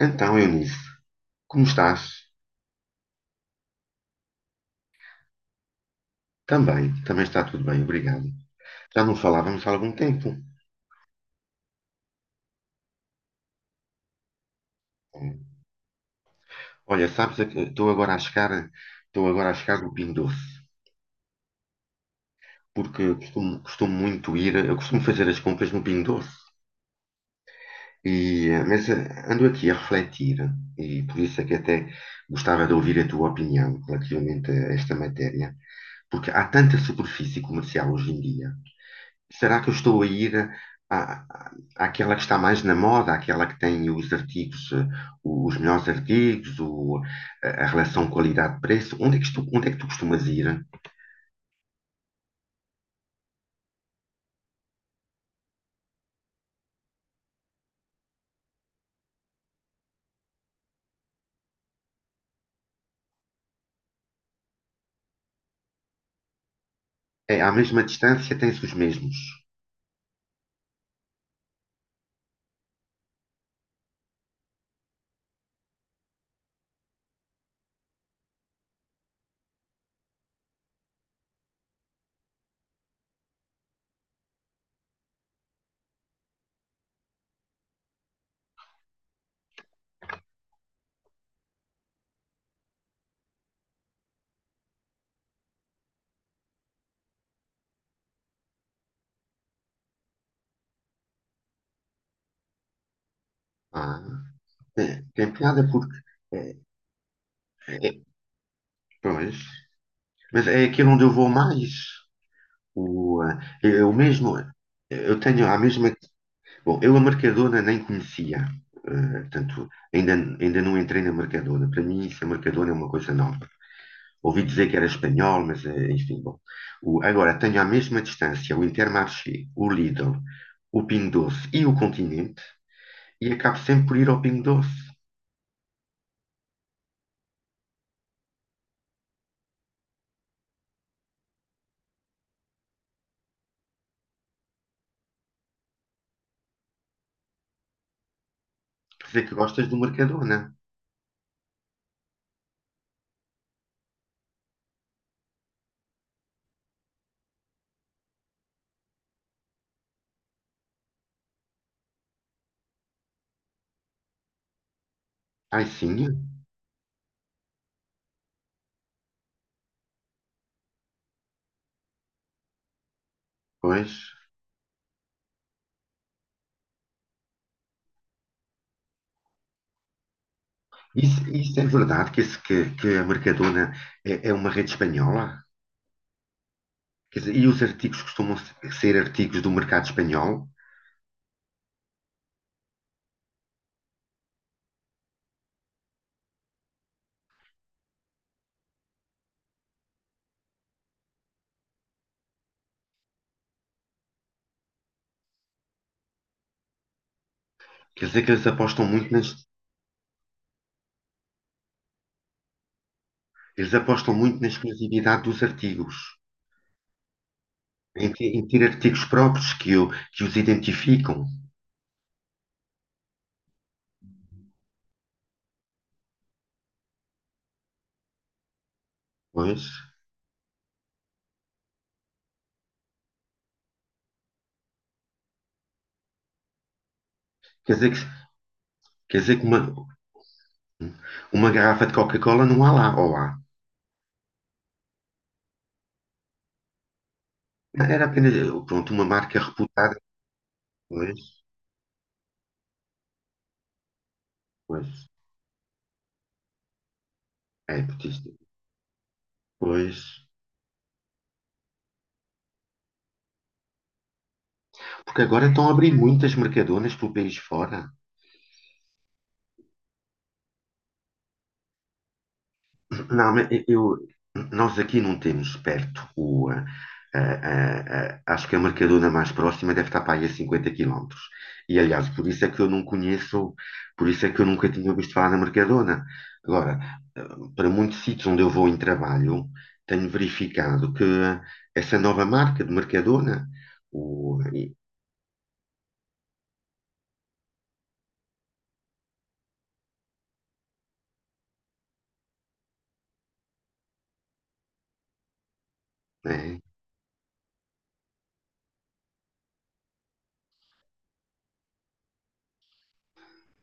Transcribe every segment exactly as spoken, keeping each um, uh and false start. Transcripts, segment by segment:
Então, Eunice, como estás? Também, também, está tudo bem, obrigado. Já não falávamos há algum tempo. Olha, sabes, estou agora a chegar, estou agora a chegar no Pingo Doce, porque eu costumo, costumo muito ir, eu costumo fazer as compras no Pingo Doce. E, eh, mas eh, ando aqui a refletir, e por isso é que até gostava de ouvir a tua opinião relativamente a esta matéria, porque há tanta superfície comercial hoje em dia. Será que eu estou a ir à, à- àquela que está mais na moda, àquela que tem os artigos, eh, os melhores artigos, o- a a relação qualidade-preço? Onde é que estou, onde é que tu costumas ir? É, à mesma distância tens os mesmos. Ah, tem, tem piada porque. eh, é- Pois. Mas é aquele onde eu vou mais. O, eh, eu mesmo. Eu tenho a mesma. Bom, eu a Mercadona nem conhecia, eh, portanto, ainda, ainda não entrei na Mercadona. Para mim, isso, a Mercadona é uma coisa nova. Ouvi dizer que era espanhol, mas eh, enfim, bom. O- agora, tenho à mesma distância o Intermarché, o Lidl, o Pingo Doce e o Continente e acabo sempre por ir ao Pingo Doce. Quer dizer que gostas do Mercadona. Ai, sim, é. Pois. Isso, isso é verdade que, esse, que, que a Mercadona é, é uma rede espanhola? Quer dizer, e os artigos costumam ser artigos do mercado espanhol? Quer dizer que eles apostam muito nas, eles apostam muito na exclusividade dos artigos, em, te- em ter artigos próprios que, o- que os identificam. Pois, quer dizer que, quer dizer que uma, uma garrafa de Coca-Cola não há lá, ou há. Era apenas, pronto, uma marca reputada. Pois, pois, é, porque isto- pois. Porque agora estão a abrir muitas mercadonas pelo país fora. Não, mas eu, nós aqui não temos perto o. ah, ah, ah, ah, acho que a Mercadona mais próxima deve estar para aí a cinquenta quilómetros. E aliás, por isso é que eu não conheço, por isso é que eu nunca tinha ouvido falar na Mercadona. Agora, ah, para muitos sítios onde eu vou em trabalho, tenho verificado que essa nova marca de Mercadona. O, é,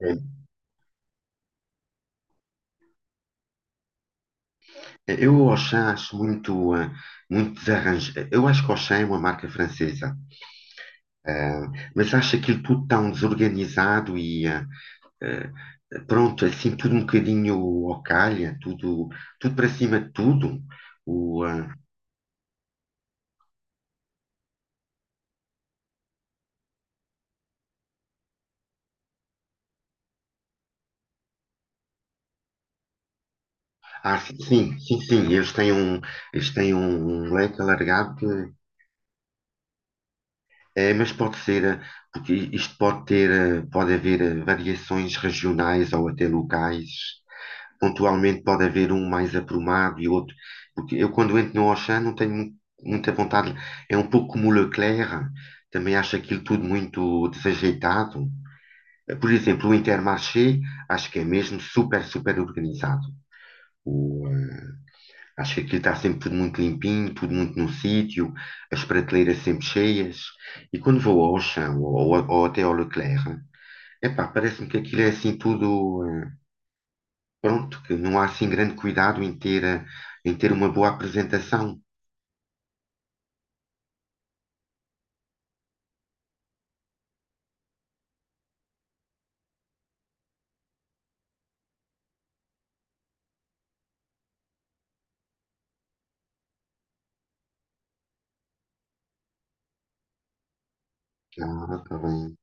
é Eu o Auchan acho muito, ah, muito desarranjado. Eu acho que o Auchan é uma marca francesa, ah, mas acho aquilo tudo tão desorganizado e ah, ah, pronto, assim, tudo um bocadinho ao calha, tudo, tudo para cima de tudo. O, ah, ah, sim, sim, sim, sim, eles têm um, eles têm um um leque alargado. É, mas pode ser, eh, porque isto pode ter, eh, pode haver eh, variações regionais ou até locais. Pontualmente pode haver um mais aprumado e outro. Porque eu quando entro no Auchan não tenho mu- muita vontade. É um pouco como o Leclerc, também acho aquilo tudo muito desajeitado. Eh, Por exemplo, o Intermarché acho que é mesmo super, super organizado. Acho que aquilo está sempre tudo muito limpinho, tudo muito no sítio, as prateleiras sempre cheias. E quando vou ao Auchan ou, ou- ou- até ao Leclerc, epá, parece-me que aquilo é assim tudo, eh, pronto, que não há assim grande cuidado em ter, eh, em ter uma boa apresentação. Ah, está bem.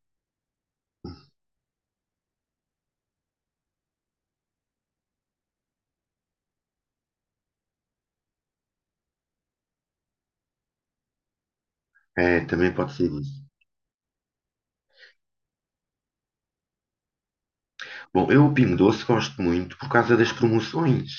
É, também pode ser isso. Bom, eu o Pingo Doce gosto muito por causa das promoções.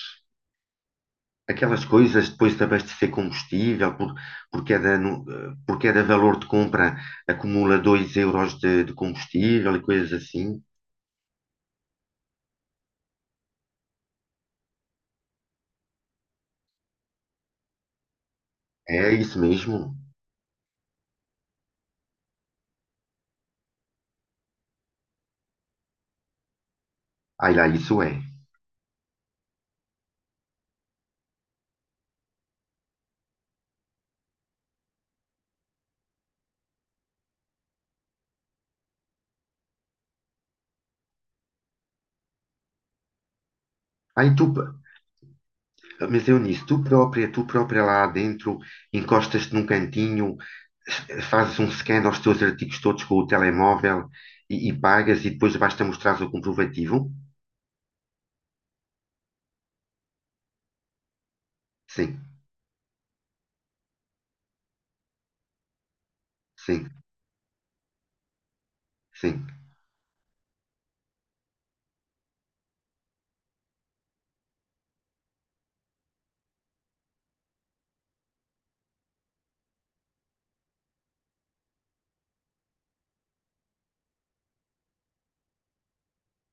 Aquelas coisas depois de abastecer combustível, por, por, cada, nu- por cada valor de compra acumula dois euros de, de combustível e coisas assim. É isso mesmo? Ai lá, isso é. Ai, tu, mas eu nisso, tu própria, tu própria lá dentro, encostas-te num cantinho, s- fazes um scan aos teus artigos todos com o telemóvel e, e pagas e depois basta mostrar o comprovativo? Sim, sim, sim,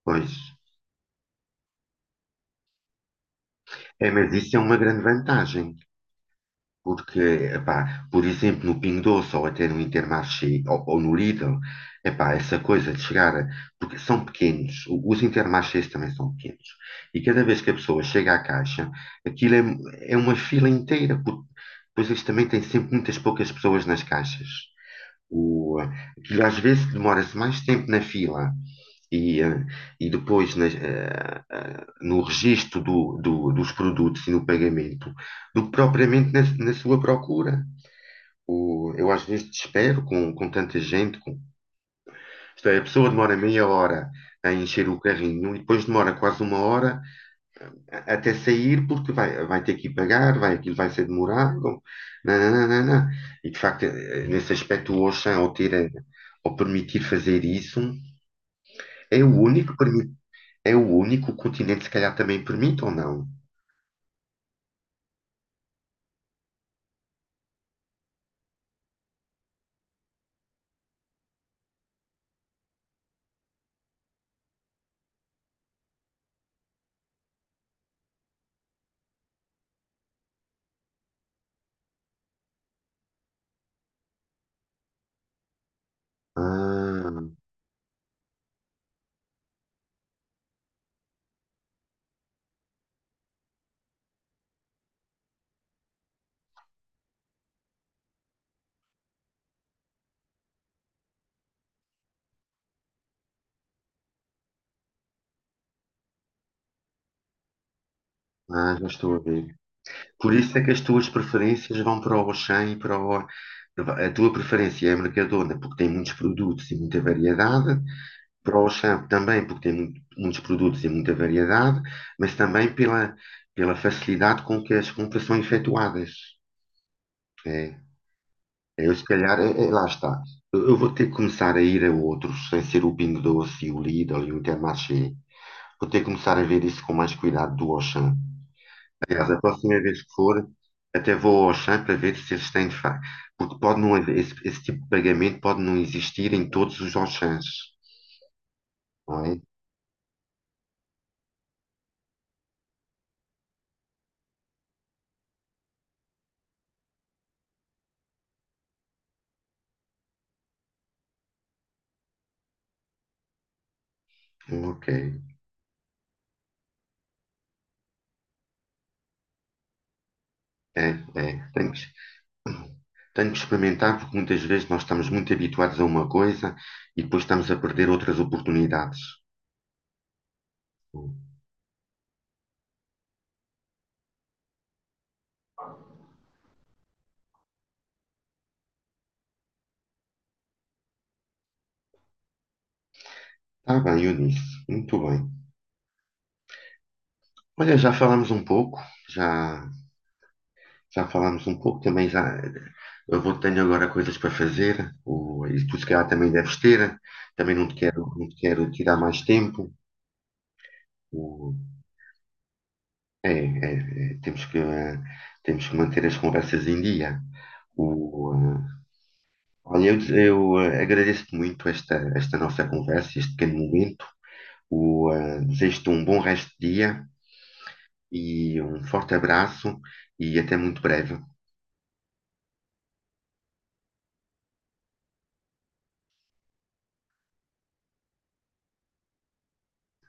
pois. É, mas isso é uma grande vantagem. Porque, epá, por exemplo, no Pingo Doce ou até no Intermarché ou, ou no Lidl, epá, essa coisa de chegar, a- porque são pequenos, o- os Intermarchés também são pequenos, e cada vez que a pessoa chega à caixa, aquilo é, é uma fila inteira, porque depois eles também têm sempre muitas poucas pessoas nas caixas. O, Aquilo às vezes demora-se mais tempo na fila e, eh, e depois nas, eh, eh, no registro do- do- dos produtos e no pagamento, do que propriamente na, na sua procura. O- eu às vezes desespero com, com tanta gente. Com, isto é, a pessoa demora meia hora a encher o carrinho e depois demora quase uma hora a- até sair porque vai, vai ter que ir pagar, vai, aquilo vai ser demorado. Não, não, não, não, não. E de facto, eh, nesse aspecto, o Auchan, ao ter, a- ao permitir fazer isso, é o único que permite. É o único Continente, se calhar, também permite ou não? Ah, ah, já estou a ver. Por isso é que as tuas preferências vão para o Auchan e para o. A tua preferência é a Mercadona, porque tem muitos produtos e muita variedade. Para o Auchan também, porque tem mu- muitos produtos e muita variedade. Mas também pela, pela facilidade com que as compras são efetuadas. É. Eu, se calhar, é, é- lá está. Eu, eu vou ter que começar a ir a outros, sem ser o Pingo Doce, e o Lidl e o Intermarché. Vou ter que começar a ver isso com mais cuidado do Auchan. Aliás, a próxima vez que for, até vou ao Auchan para ver se eles têm de facto. Porque pode não haver, esse, esse tipo de pagamento pode não existir em todos os Auchans, não é? Ok. É, é. Tenho que, tenho que experimentar, porque muitas vezes nós estamos muito habituados a uma coisa e depois estamos a perder outras oportunidades. Tá bem, Eunice. Muito bem. Olha, já falamos um pouco, já, já falamos um pouco também, já eu vou tenho agora coisas para fazer, o, e tu se calhar também deves ter, também não te quero, não te quero tirar mais tempo. O, é, é, é, temos que, eh, temos que manter as conversas em dia. O, eh, Olha, eu, eu eh, agradeço-te muito esta, esta nossa conversa, este pequeno momento. O, eh, desejo-te um bom resto de dia. E um forte abraço e até muito breve.